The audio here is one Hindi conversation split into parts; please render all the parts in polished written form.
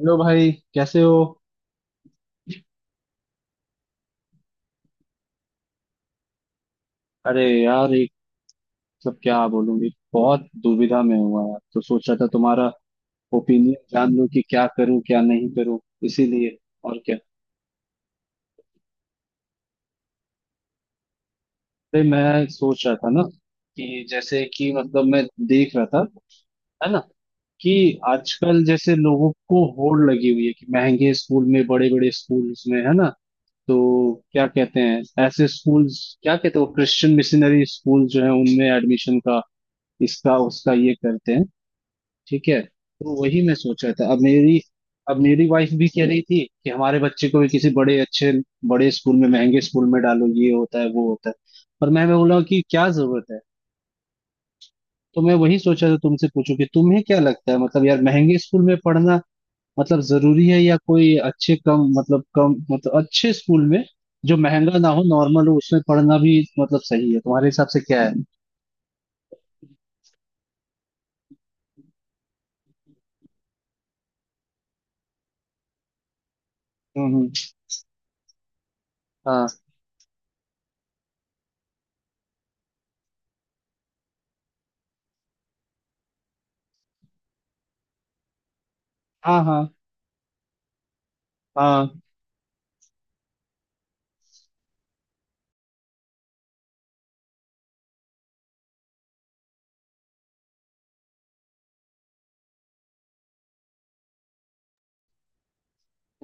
हेलो भाई कैसे हो। अरे यार एक क्या बोलूं, एक बहुत दुविधा में हुआ यार। तो सोचा था तुम्हारा ओपिनियन जान लूं कि क्या करूं क्या नहीं करूं, इसीलिए। और क्या। अरे मैं सोच रहा था ना कि जैसे कि मैं देख रहा था, है ना। कि आजकल जैसे लोगों को होड़ लगी हुई है कि महंगे स्कूल में, बड़े बड़े स्कूल में, है ना। तो क्या कहते हैं ऐसे स्कूल्स, क्या कहते हैं वो क्रिश्चियन मिशनरी स्कूल जो है उनमें एडमिशन का, इसका उसका ये करते हैं। ठीक है, तो वही मैं सोच रहा था। अब मेरी, अब मेरी वाइफ भी कह रही थी कि हमारे बच्चे को भी किसी बड़े अच्छे, बड़े स्कूल में, महंगे स्कूल में डालो, ये होता है वो होता है। पर मैं बोला कि क्या जरूरत है। तो मैं वही सोचा था तुमसे पूछूं कि तुम्हें क्या लगता है, यार महंगे स्कूल में पढ़ना जरूरी है, या कोई अच्छे कम कम अच्छे स्कूल में जो महंगा ना हो, नॉर्मल हो, उसमें पढ़ना भी सही है, तुम्हारे हिसाब से क्या है। हम्म हम्म, हाँ, हाँ हाँ, हाँ हाँ।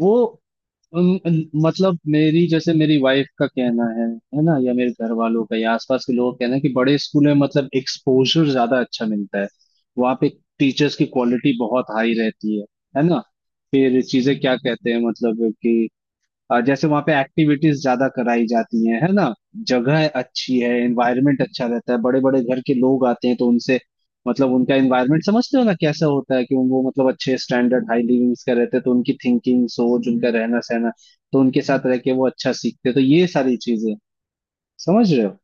वो उन, उन- मेरी, जैसे मेरी वाइफ का कहना है ना, या मेरे घर वालों का या आसपास के लोगों का कहना है कि बड़े स्कूल में एक्सपोजर ज्यादा अच्छा मिलता है, वहाँ पे टीचर्स की क्वालिटी बहुत हाई रहती है ना। फिर चीजें क्या कहते हैं मतलब कि जैसे वहां पे एक्टिविटीज ज्यादा कराई जाती हैं, है ना। जगह अच्छी है, एनवायरनमेंट अच्छा रहता है, बड़े बड़े घर के लोग आते हैं, तो उनसे उनका एनवायरनमेंट समझते हो ना कैसा होता है, कि वो अच्छे स्टैंडर्ड, हाई लिविंग्स का रहते हैं, तो उनकी थिंकिंग, सोच, उनका रहना सहना, तो उनके साथ रह के वो अच्छा सीखते हैं। तो ये सारी चीजें, समझ रहे हो।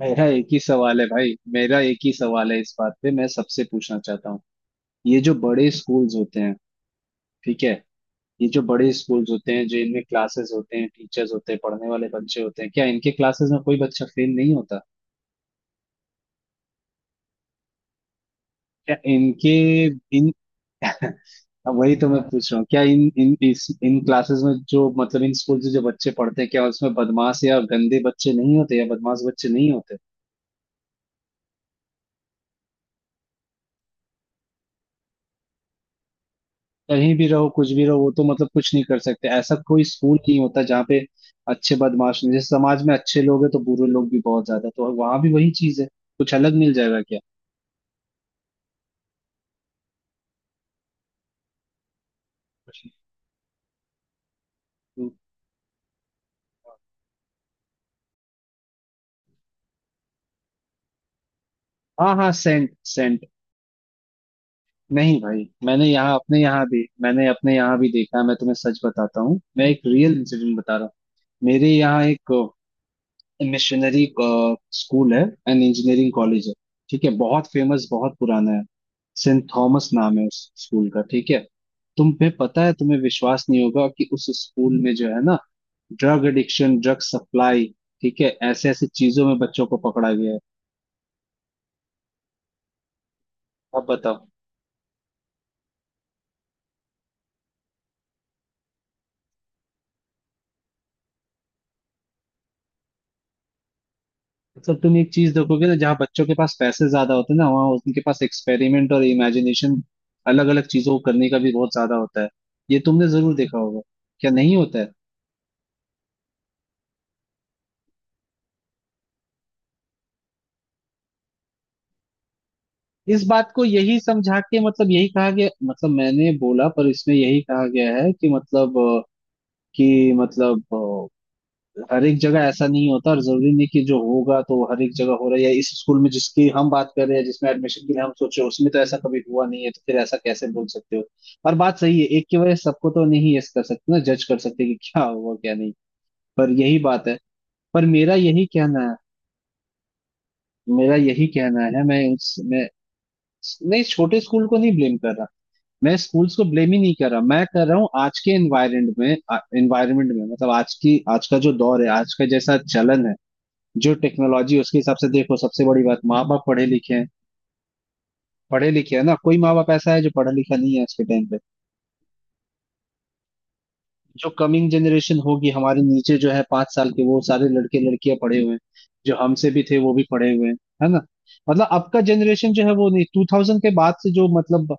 मेरा एक ही सवाल है भाई, मेरा एक ही सवाल है, इस बात पे मैं सबसे पूछना चाहता हूँ। ये जो बड़े स्कूल्स होते हैं, ठीक है, ये जो बड़े स्कूल्स होते हैं, जो इनमें क्लासेस होते हैं, टीचर्स होते हैं, पढ़ने वाले बच्चे होते हैं, क्या इनके क्लासेस में कोई बच्चा फेल नहीं होता। क्या इनके इन अब वही तो मैं पूछ रहा हूँ, क्या इन इन इस इन क्लासेस में जो इन स्कूल से जो बच्चे पढ़ते हैं, क्या उसमें बदमाश या गंदे बच्चे नहीं होते, या बदमाश बच्चे नहीं होते। कहीं भी रहो कुछ भी रहो, वो तो कुछ नहीं कर सकते, ऐसा कोई स्कूल नहीं होता जहाँ पे अच्छे बदमाश नहीं, जैसे समाज में अच्छे लोग हैं तो बुरे लोग भी बहुत ज्यादा, तो वहां भी वही चीज है, कुछ अलग मिल जाएगा? क्या? हाँ हाँ, सेंट सेंट। नहीं भाई, मैंने यहाँ अपने यहाँ भी, मैंने अपने यहाँ भी देखा है, मैं तुम्हें सच बताता हूँ, मैं एक रियल इंसिडेंट बता रहा हूँ। मेरे यहाँ एक मिशनरी स्कूल है एंड इंजीनियरिंग कॉलेज है, ठीक है, बहुत फेमस बहुत पुराना है। सेंट थॉमस नाम है उस स्कूल का, ठीक है। तुम्हें पता है, तुम्हें विश्वास नहीं होगा कि उस स्कूल में जो है ना, ड्रग एडिक्शन, ड्रग सप्लाई, ठीक है, ऐसे ऐसे चीजों में बच्चों को पकड़ा गया है। अब बताओ। तुम एक चीज देखोगे ना, जहाँ बच्चों के पास पैसे ज्यादा होते हैं ना, वहाँ उनके पास एक्सपेरिमेंट और इमेजिनेशन, अलग अलग चीजों को करने का भी बहुत ज्यादा होता है। ये तुमने जरूर देखा होगा, क्या नहीं होता है। इस बात को यही समझा के यही कहा गया, मैंने बोला, पर इसमें यही कहा गया है कि कि मतलब हर एक जगह ऐसा नहीं होता, और जरूरी नहीं कि जो होगा तो हर एक जगह हो रहा है, या इस स्कूल में जिसकी हम बात कर रहे हैं, जिसमें एडमिशन के लिए हम सोच रहे हैं, उसमें तो ऐसा कभी हुआ नहीं है, तो फिर ऐसा कैसे बोल सकते हो। और बात सही है, एक की वजह से सबको तो नहीं यस कर सकते ना, जज कर सकते कि क्या हुआ क्या नहीं। पर यही बात है, पर मेरा यही कहना है, मेरा यही कहना है। मैं उस मैं नहीं, छोटे स्कूल को नहीं ब्लेम कर रहा, मैं स्कूल्स को ब्लेम ही नहीं कर रहा, मैं कर रहा हूँ आज के एनवायरमेंट में आज का जो दौर है, आज का जैसा चलन है, जो टेक्नोलॉजी, उसके हिसाब से देखो। सबसे बड़ी बात, माँ बाप पढ़े लिखे हैं, पढ़े लिखे है ना, कोई माँ बाप ऐसा है जो पढ़ा लिखा नहीं है आज के टाइम पे। जो कमिंग जनरेशन होगी हमारे नीचे जो है पांच साल के, वो सारे लड़के लड़कियां पढ़े हुए हैं, जो हमसे भी थे वो भी पढ़े हुए हैं, है ना। अब का जनरेशन जो है वो नहीं, टू थाउजेंड के बाद से जो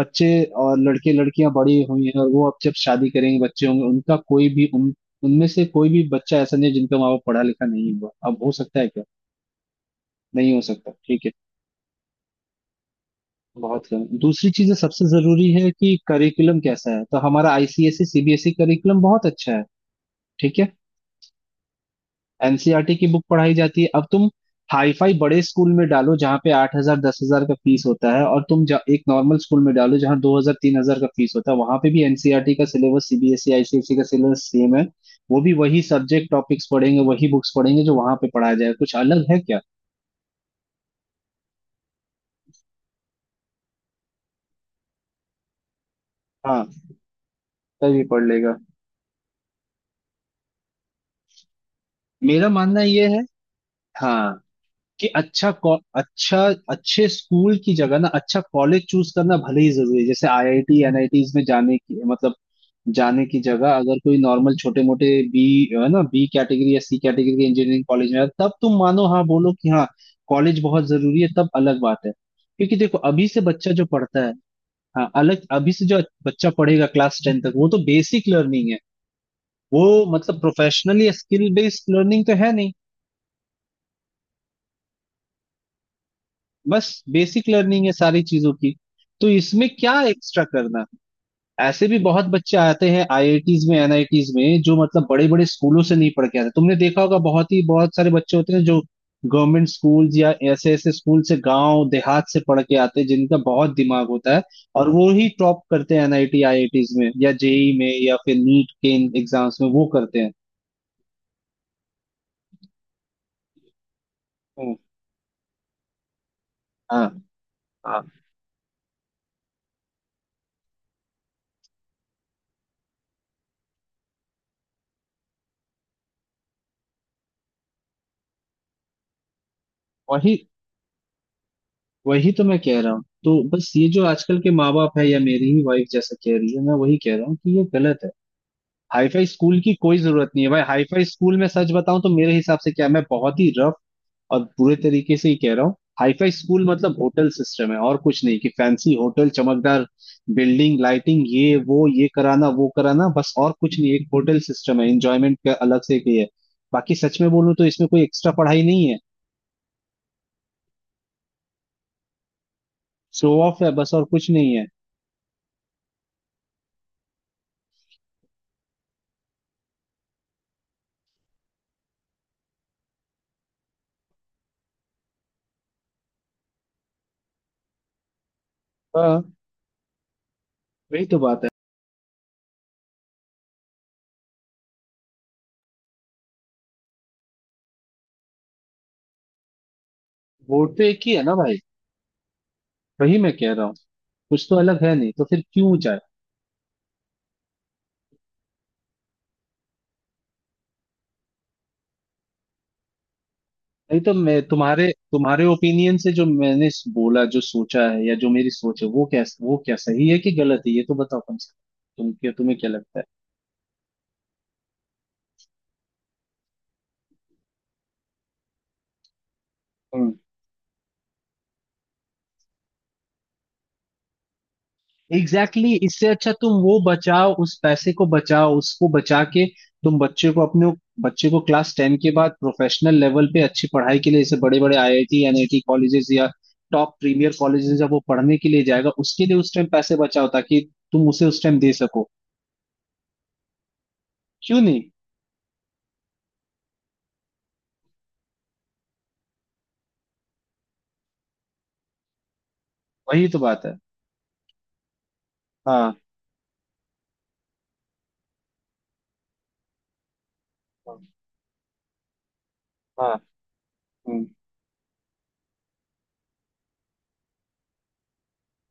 बच्चे और लड़के लड़कियां बड़ी हुई हैं, और वो अब जब शादी करेंगे बच्चे होंगे, उनका कोई भी उन उनमें से कोई भी बच्चा ऐसा नहीं है जिनका माँ बाप पढ़ा लिखा नहीं हुआ, अब हो सकता है क्या, नहीं हो सकता। ठीक है, बहुत कम। दूसरी चीज सबसे जरूरी है कि करिकुलम कैसा है, तो हमारा आईसीएसई सीबीएसई करिकुलम बहुत अच्छा है, ठीक है। एनसीईआरटी की बुक पढ़ाई जाती है। अब तुम हाई फाई बड़े स्कूल में डालो जहाँ पे आठ हजार दस हजार का फीस होता है, और तुम एक नॉर्मल स्कूल में डालो जहाँ दो हजार तीन हजार का फीस होता है, वहां पे भी एनसीईआरटी का सिलेबस, सीबीएसई आईसीएसई का सिलेबस सेम है। वो भी वही सब्जेक्ट, टॉपिक्स पढ़ेंगे, वही बुक्स पढ़ेंगे जो वहां पे पढ़ाया जाए, कुछ अलग है क्या। हाँ, तभी पढ़ लेगा। मेरा मानना ये है, हाँ, कि अच्छा, अच्छे स्कूल की जगह ना अच्छा कॉलेज चूज करना भले ही जरूरी है, जैसे आईआईटी एनआईटीज में जाने की जाने की जगह अगर कोई नॉर्मल छोटे मोटे बी, है ना, बी कैटेगरी या सी कैटेगरी के इंजीनियरिंग कॉलेज में है, तब तुम मानो, हाँ बोलो कि हाँ कॉलेज बहुत जरूरी है, तब अलग बात है। क्योंकि देखो अभी से बच्चा जो पढ़ता है, हाँ अलग, अभी से जो बच्चा पढ़ेगा क्लास टेन तक, वो तो बेसिक लर्निंग है। वो प्रोफेशनली स्किल बेस्ड लर्निंग तो है नहीं, बस बेसिक लर्निंग है सारी चीजों की, तो इसमें क्या एक्स्ट्रा करना। ऐसे भी बहुत बच्चे आते हैं आईआईटीज में एनआईटीज में जो बड़े बड़े स्कूलों से नहीं पढ़ के आते, तुमने देखा होगा, बहुत ही बहुत सारे बच्चे होते हैं जो गवर्नमेंट स्कूल या ऐसे ऐसे स्कूल से, गांव देहात से पढ़ के आते हैं जिनका बहुत दिमाग होता है, और वो ही टॉप करते हैं एनआईटी आईआईटीज में या जेई में या फिर नीट के एग्जाम्स में वो करते हैं। हम्म, हाँ हाँ। वही, वही तो मैं कह रहा हूँ। तो बस ये जो आजकल के माँ बाप है, या मेरी ही वाइफ जैसा कह रही है, मैं वही कह रहा हूँ कि ये गलत है। हाईफाई स्कूल की कोई जरूरत नहीं है भाई। हाईफाई स्कूल में सच बताऊं तो मेरे हिसाब से क्या, मैं बहुत ही रफ और बुरे तरीके से ही कह रहा हूँ, हाईफाई स्कूल मतलब होटल सिस्टम है और कुछ नहीं। कि फैंसी होटल, चमकदार बिल्डिंग, लाइटिंग, ये वो, ये कराना वो कराना, बस और कुछ नहीं, एक होटल सिस्टम है, एंजॉयमेंट का अलग से एक ये है। बाकी सच में बोलूं तो इसमें कोई एक्स्ट्रा पढ़ाई नहीं है, शो ऑफ है बस और कुछ नहीं है। हाँ, वही तो बात है। वोट तो एक ही है ना भाई। वही मैं कह रहा हूँ, कुछ तो अलग है नहीं, तो फिर क्यों जाए। नहीं तो मैं तुम्हारे तुम्हारे ओपिनियन से, जो मैंने बोला, जो सोचा है या जो मेरी सोच है, वो क्या, वो क्या सही है कि गलत है, ये तो बताओ कम से कम, तुम क्या, तुम्हें क्या लगता है। एग्जैक्टली exactly, इससे अच्छा तुम वो बचाओ, उस पैसे को बचाओ, उसको बचा के तुम बच्चे को अपने बच्चे को क्लास टेन के बाद प्रोफेशनल लेवल पे अच्छी पढ़ाई के लिए, जैसे बड़े बड़े आईआईटी एनआईटी कॉलेजेस या टॉप प्रीमियर कॉलेजेस, जब वो पढ़ने के लिए जाएगा उसके लिए उस टाइम पैसे बचाओ, ताकि तुम उसे उस टाइम दे सको, क्यों नहीं। वही तो बात है। हाँ, हाँ, हम्म।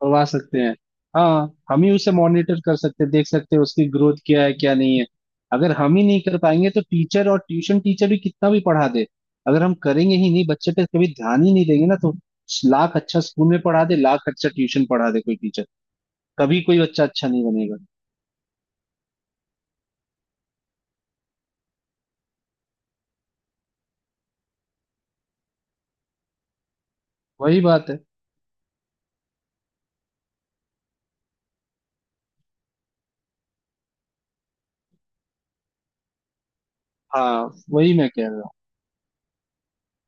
करवा सकते हैं, हाँ, हम ही उसे मॉनिटर कर सकते हैं, देख सकते हैं उसकी ग्रोथ क्या है क्या नहीं है। अगर हम ही नहीं कर पाएंगे तो टीचर और ट्यूशन टीचर भी कितना भी पढ़ा दे, अगर हम करेंगे ही नहीं, बच्चे पे कभी ध्यान ही नहीं देंगे ना, तो लाख अच्छा स्कूल में पढ़ा दे, लाख अच्छा ट्यूशन पढ़ा दे कोई टीचर, कभी कोई बच्चा अच्छा नहीं बनेगा। वही बात है। हाँ, वही मैं कह रहा हूँ।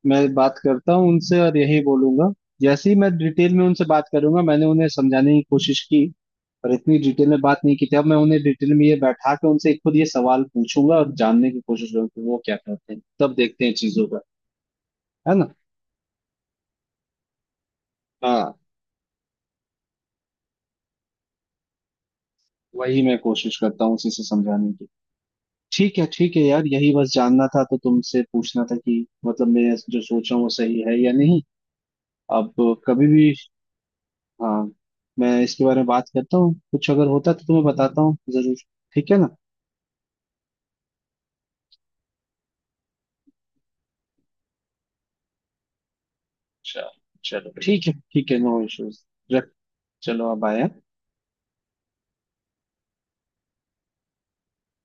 मैं बात करता हूँ उनसे, और यही बोलूंगा। जैसे ही मैं डिटेल में उनसे बात करूंगा, मैंने उन्हें समझाने की कोशिश की पर इतनी डिटेल में बात नहीं की थी, अब मैं उन्हें डिटेल में ये बैठा के उनसे खुद ये सवाल पूछूंगा और जानने की कोशिश करूंगा कि वो क्या कहते हैं, तब देखते हैं चीजों का, है ना। हाँ, वही मैं कोशिश करता हूँ उसी से समझाने की। ठीक है यार, यही बस जानना था, तो तुमसे पूछना था कि मैं जो सोच रहा हूँ वो सही है या नहीं। अब, कभी भी, हाँ, मैं इसके बारे में बात करता हूँ, कुछ अगर होता तो तुम्हें बताता हूँ जरूर, ठीक है ना। चल, चलो ठीक है ठीक है, नो इश्यूज। चलो अब आया।